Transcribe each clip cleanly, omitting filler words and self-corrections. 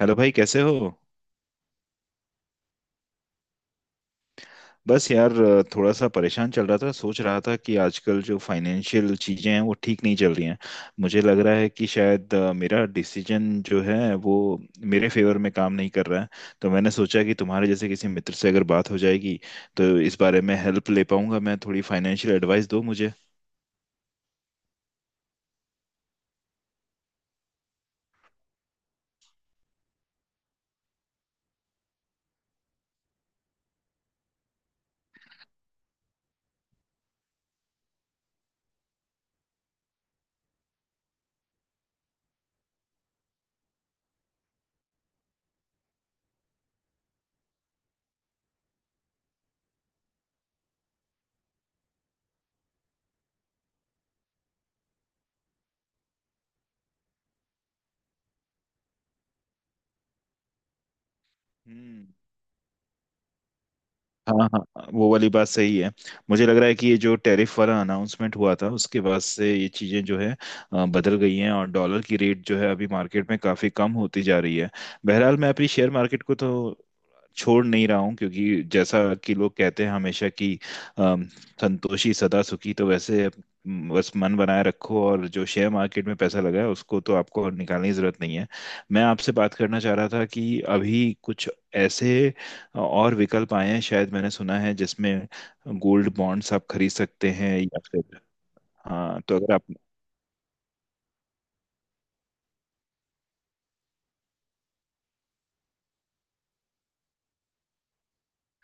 Hello भाई, कैसे हो? बस यार, थोड़ा सा परेशान चल रहा था। सोच रहा था कि आजकल जो फाइनेंशियल चीज़ें हैं वो ठीक नहीं चल रही हैं। मुझे लग रहा है कि शायद मेरा डिसीजन जो है वो मेरे फेवर में काम नहीं कर रहा है। तो मैंने सोचा कि तुम्हारे जैसे किसी मित्र से अगर बात हो जाएगी तो इस बारे में हेल्प ले पाऊंगा। मैं थोड़ी फाइनेंशियल एडवाइस दो मुझे। हम्म। हाँ हाँ। हाँ, वो वाली बात सही है। मुझे लग रहा है कि ये जो टैरिफ वाला अनाउंसमेंट हुआ था उसके बाद से ये चीज़ें जो है बदल गई हैं, और डॉलर की रेट जो है अभी मार्केट में काफ़ी कम होती जा रही है। बहरहाल मैं अपनी शेयर मार्केट को तो छोड़ नहीं रहा हूँ, क्योंकि जैसा कि लोग कहते हैं हमेशा कि अम, संतोषी सदा सुखी। तो वैसे, बस मन बनाए रखो, और जो शेयर मार्केट में पैसा लगा है उसको तो आपको निकालने की जरूरत नहीं है। मैं आपसे बात करना चाह रहा था कि अभी कुछ ऐसे और विकल्प आए हैं शायद, मैंने सुना है जिसमें गोल्ड बॉन्ड्स आप खरीद सकते हैं या फिर। हाँ, तो अगर आप।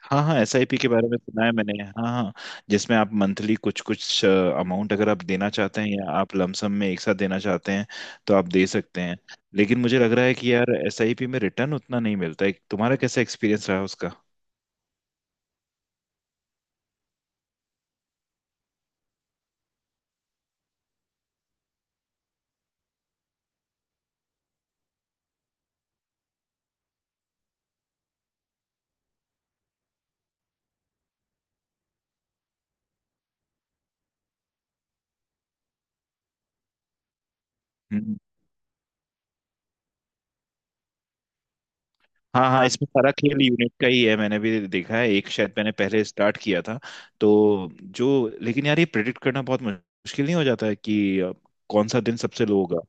हाँ हाँ, एसआईपी के बारे में सुना है मैंने, हाँ हाँ। जिसमें आप मंथली कुछ कुछ अमाउंट अगर आप देना चाहते हैं या आप लमसम में एक साथ देना चाहते हैं तो आप दे सकते हैं। लेकिन मुझे लग रहा है कि यार एसआईपी में रिटर्न उतना नहीं मिलता है। तुम्हारा कैसा एक्सपीरियंस रहा उसका? हम्म। हाँ हाँ, इसमें सारा खेल यूनिट का ही है। मैंने भी देखा है, एक शायद मैंने पहले स्टार्ट किया था तो। जो लेकिन यार, ये प्रेडिक्ट करना बहुत मुश्किल नहीं हो जाता है कि कौन सा दिन सबसे लो होगा?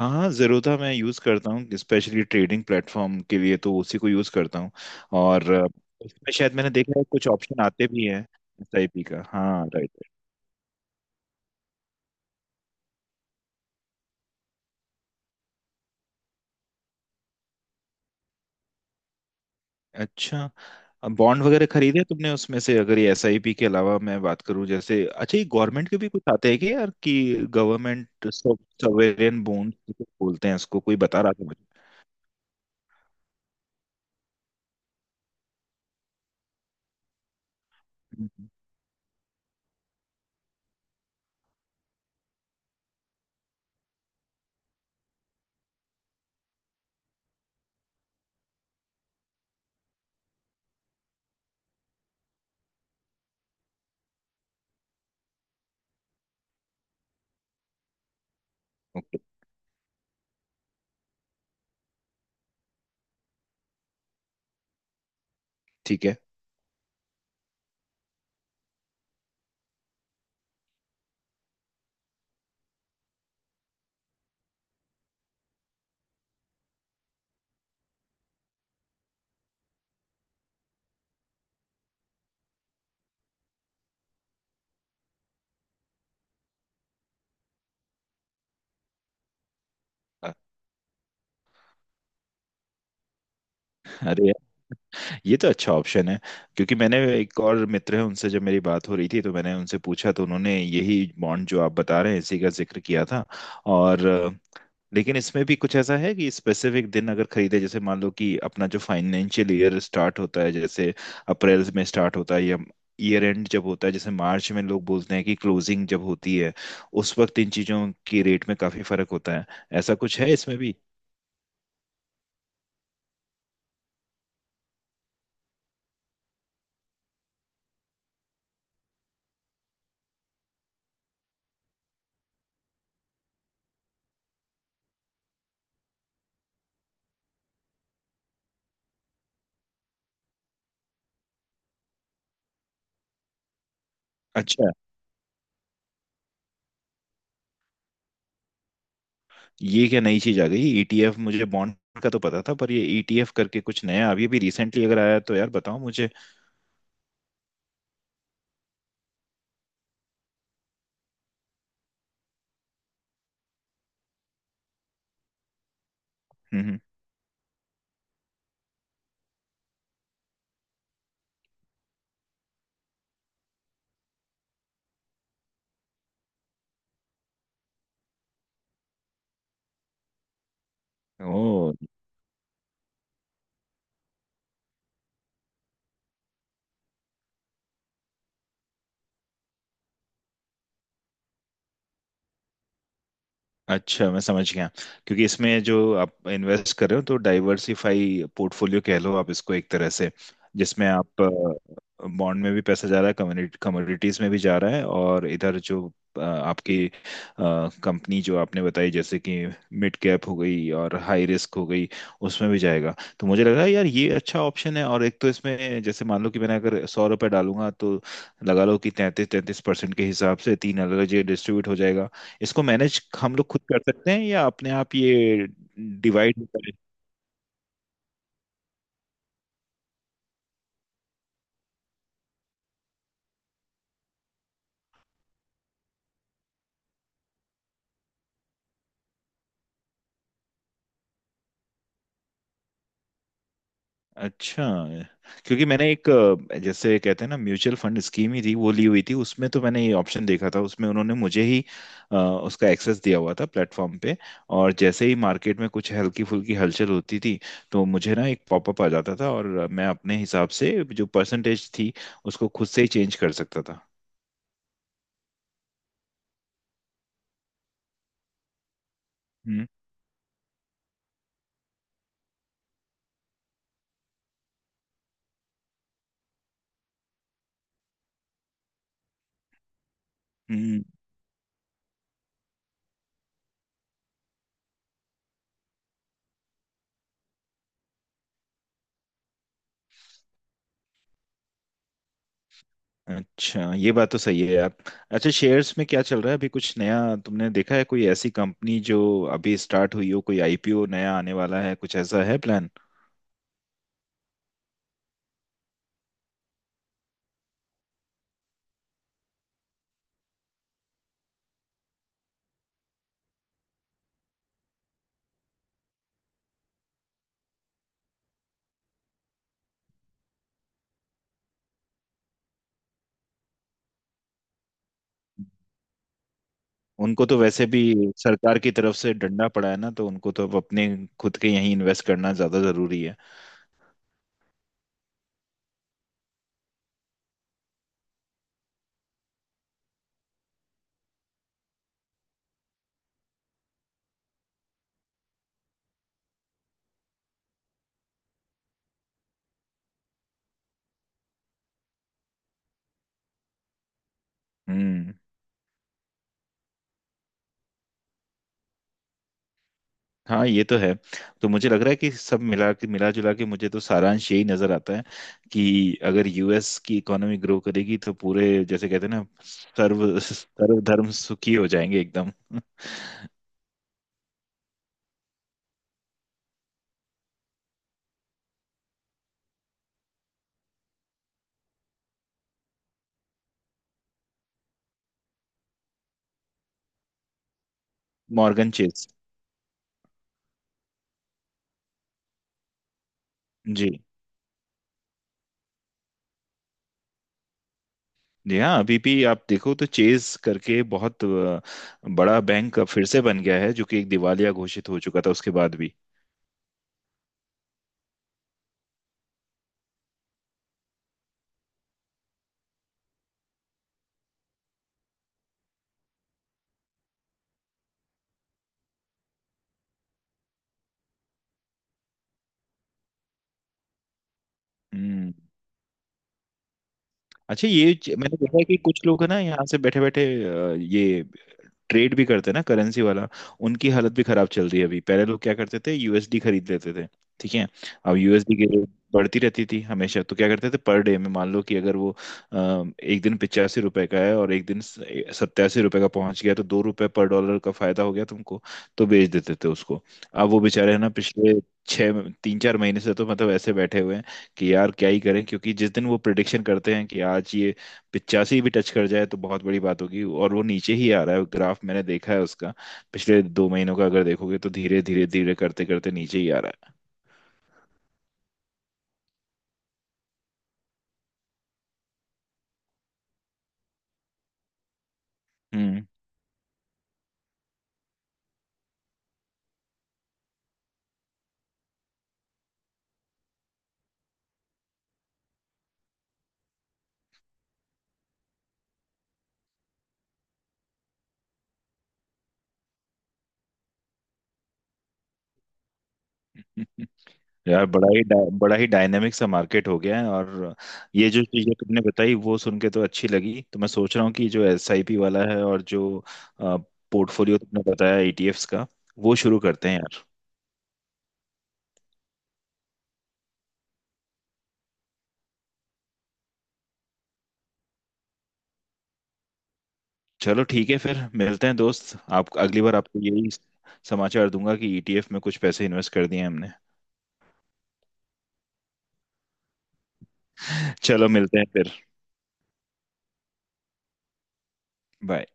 हाँ हाँ, ज़ेरोधा मैं यूज़ करता हूँ स्पेशली ट्रेडिंग प्लेटफॉर्म के लिए, तो उसी को यूज़ करता हूँ। और इसमें शायद मैंने देखा है कुछ ऑप्शन आते भी हैं एसआईपी का, हाँ राइट। अच्छा, अब बॉन्ड वगैरह खरीदे तुमने उसमें से? अगर ये एसआईपी के अलावा मैं बात करूं, जैसे अच्छा, ये गवर्नमेंट के भी कुछ आते हैं कि यार, कि गवर्नमेंट सॉवरेन बॉन्ड बोलते हैं इसको, कोई बता रहा था मुझे। हम्म। ओके। ठीक है। अ- अरे यार, ये तो अच्छा ऑप्शन है। क्योंकि मैंने, एक और मित्र है, उनसे जब मेरी बात हो रही थी तो मैंने उनसे पूछा, तो उन्होंने यही बॉन्ड जो आप बता रहे हैं इसी का जिक्र किया था। और लेकिन इसमें भी कुछ ऐसा है कि स्पेसिफिक दिन अगर खरीदे, जैसे मान लो कि अपना जो फाइनेंशियल ईयर स्टार्ट होता है, जैसे अप्रैल में स्टार्ट होता है, या ईयर एंड जब होता है, जैसे मार्च में लोग बोलते हैं कि क्लोजिंग जब होती है, उस वक्त इन चीजों की रेट में काफी फर्क होता है। ऐसा कुछ है इसमें भी? अच्छा, ये क्या नई चीज आ गई ईटीएफ? मुझे बॉन्ड का तो पता था, पर ये ईटीएफ करके कुछ नया अभी अभी रिसेंटली अगर आया तो यार बताओ मुझे। हम्म। ओ, अच्छा, मैं समझ गया। क्योंकि इसमें जो आप इन्वेस्ट कर रहे हो तो डाइवर्सिफाई पोर्टफोलियो कह लो आप इसको, एक तरह से जिसमें आप बॉन्ड में भी पैसा जा रहा है, कम्युनिटी कमोडिटीज में भी जा रहा है, और इधर जो आपकी कंपनी जो आपने बताई, जैसे कि मिड कैप हो गई और हाई रिस्क हो गई, उसमें भी जाएगा। तो मुझे लगा यार ये अच्छा ऑप्शन है। और एक तो इसमें, जैसे मान लो कि मैंने अगर 100 रुपये डालूंगा तो लगा लो कि 33-33% के हिसाब से तीन अलग अलग जगह डिस्ट्रीब्यूट हो जाएगा। इसको मैनेज हम लोग खुद कर सकते हैं या अपने आप ये डिवाइड करें? अच्छा। क्योंकि मैंने एक जैसे कहते हैं ना, म्यूचुअल फंड स्कीम ही थी वो ली हुई थी उसमें, तो मैंने ये ऑप्शन देखा था। उसमें उन्होंने मुझे ही उसका एक्सेस दिया हुआ था प्लेटफॉर्म पे। और जैसे ही मार्केट में कुछ हल्की फुल्की हलचल होती थी, तो मुझे ना एक पॉपअप आ जाता था, और मैं अपने हिसाब से जो परसेंटेज थी उसको खुद से ही चेंज कर सकता था। हम्म। हम्म। अच्छा, ये बात तो सही है यार। अच्छा, शेयर्स में क्या चल रहा है अभी? कुछ नया तुमने देखा है? कोई ऐसी कंपनी जो अभी स्टार्ट हुई हो, कोई आईपीओ नया आने वाला है, कुछ ऐसा है प्लान? उनको तो वैसे भी सरकार की तरफ से डंडा पड़ा है ना, तो उनको तो अब अपने खुद के यहीं इन्वेस्ट करना ज्यादा जरूरी है। हम्म। हाँ, ये तो है। तो मुझे लग रहा है कि सब मिला के मिला जुला के मुझे तो सारांश यही नजर आता है, कि अगर यूएस की इकोनॉमी ग्रो करेगी तो पूरे, जैसे कहते हैं ना, सर्व सर्व धर्म सुखी हो जाएंगे एकदम। Morgan Chase. जी। जी हाँ, अभी भी आप देखो तो चेज करके बहुत बड़ा बैंक अब फिर से बन गया है, जो कि एक दिवालिया घोषित हो चुका था उसके बाद भी। हम्म। अच्छा, मैंने देखा है कि कुछ लोग है ना यहाँ से बैठे बैठे ये ट्रेड भी करते हैं ना, करेंसी वाला। उनकी हालत भी खराब चल रही है अभी। पहले लोग क्या करते थे, यूएसडी खरीद लेते थे। ठीक है। अब यूएसडी की रेट बढ़ती रहती थी हमेशा, तो क्या करते थे, पर डे में मान लो कि अगर वो एक दिन 85 रुपए का है और एक दिन 87 रुपए का पहुंच गया तो 2 रुपए पर डॉलर का फायदा हो गया तुमको, तो बेच देते थे उसको। अब वो बेचारे है ना पिछले 6 3 4 महीने से तो मतलब ऐसे बैठे हुए हैं कि यार क्या ही करें, क्योंकि जिस दिन वो प्रिडिक्शन करते हैं कि आज ये 85 भी टच कर जाए तो बहुत बड़ी बात होगी, और वो नीचे ही आ रहा है। ग्राफ मैंने देखा है उसका, पिछले 2 महीनों का अगर देखोगे तो धीरे धीरे धीरे करते करते नीचे ही आ रहा है। हम्म। यार, बड़ा ही डायनेमिक सा मार्केट हो गया है। और ये जो चीजें तुमने बताई वो सुन के तो अच्छी लगी। तो मैं सोच रहा हूँ कि जो एसआईपी वाला है और जो पोर्टफोलियो तुमने बताया ईटीएफ्स का, वो शुरू करते हैं यार। चलो ठीक है, फिर मिलते हैं दोस्त। आप अगली बार आपको यही समाचार दूंगा कि ईटीएफ में कुछ पैसे इन्वेस्ट कर दिए हमने। चलो मिलते हैं फिर। बाय।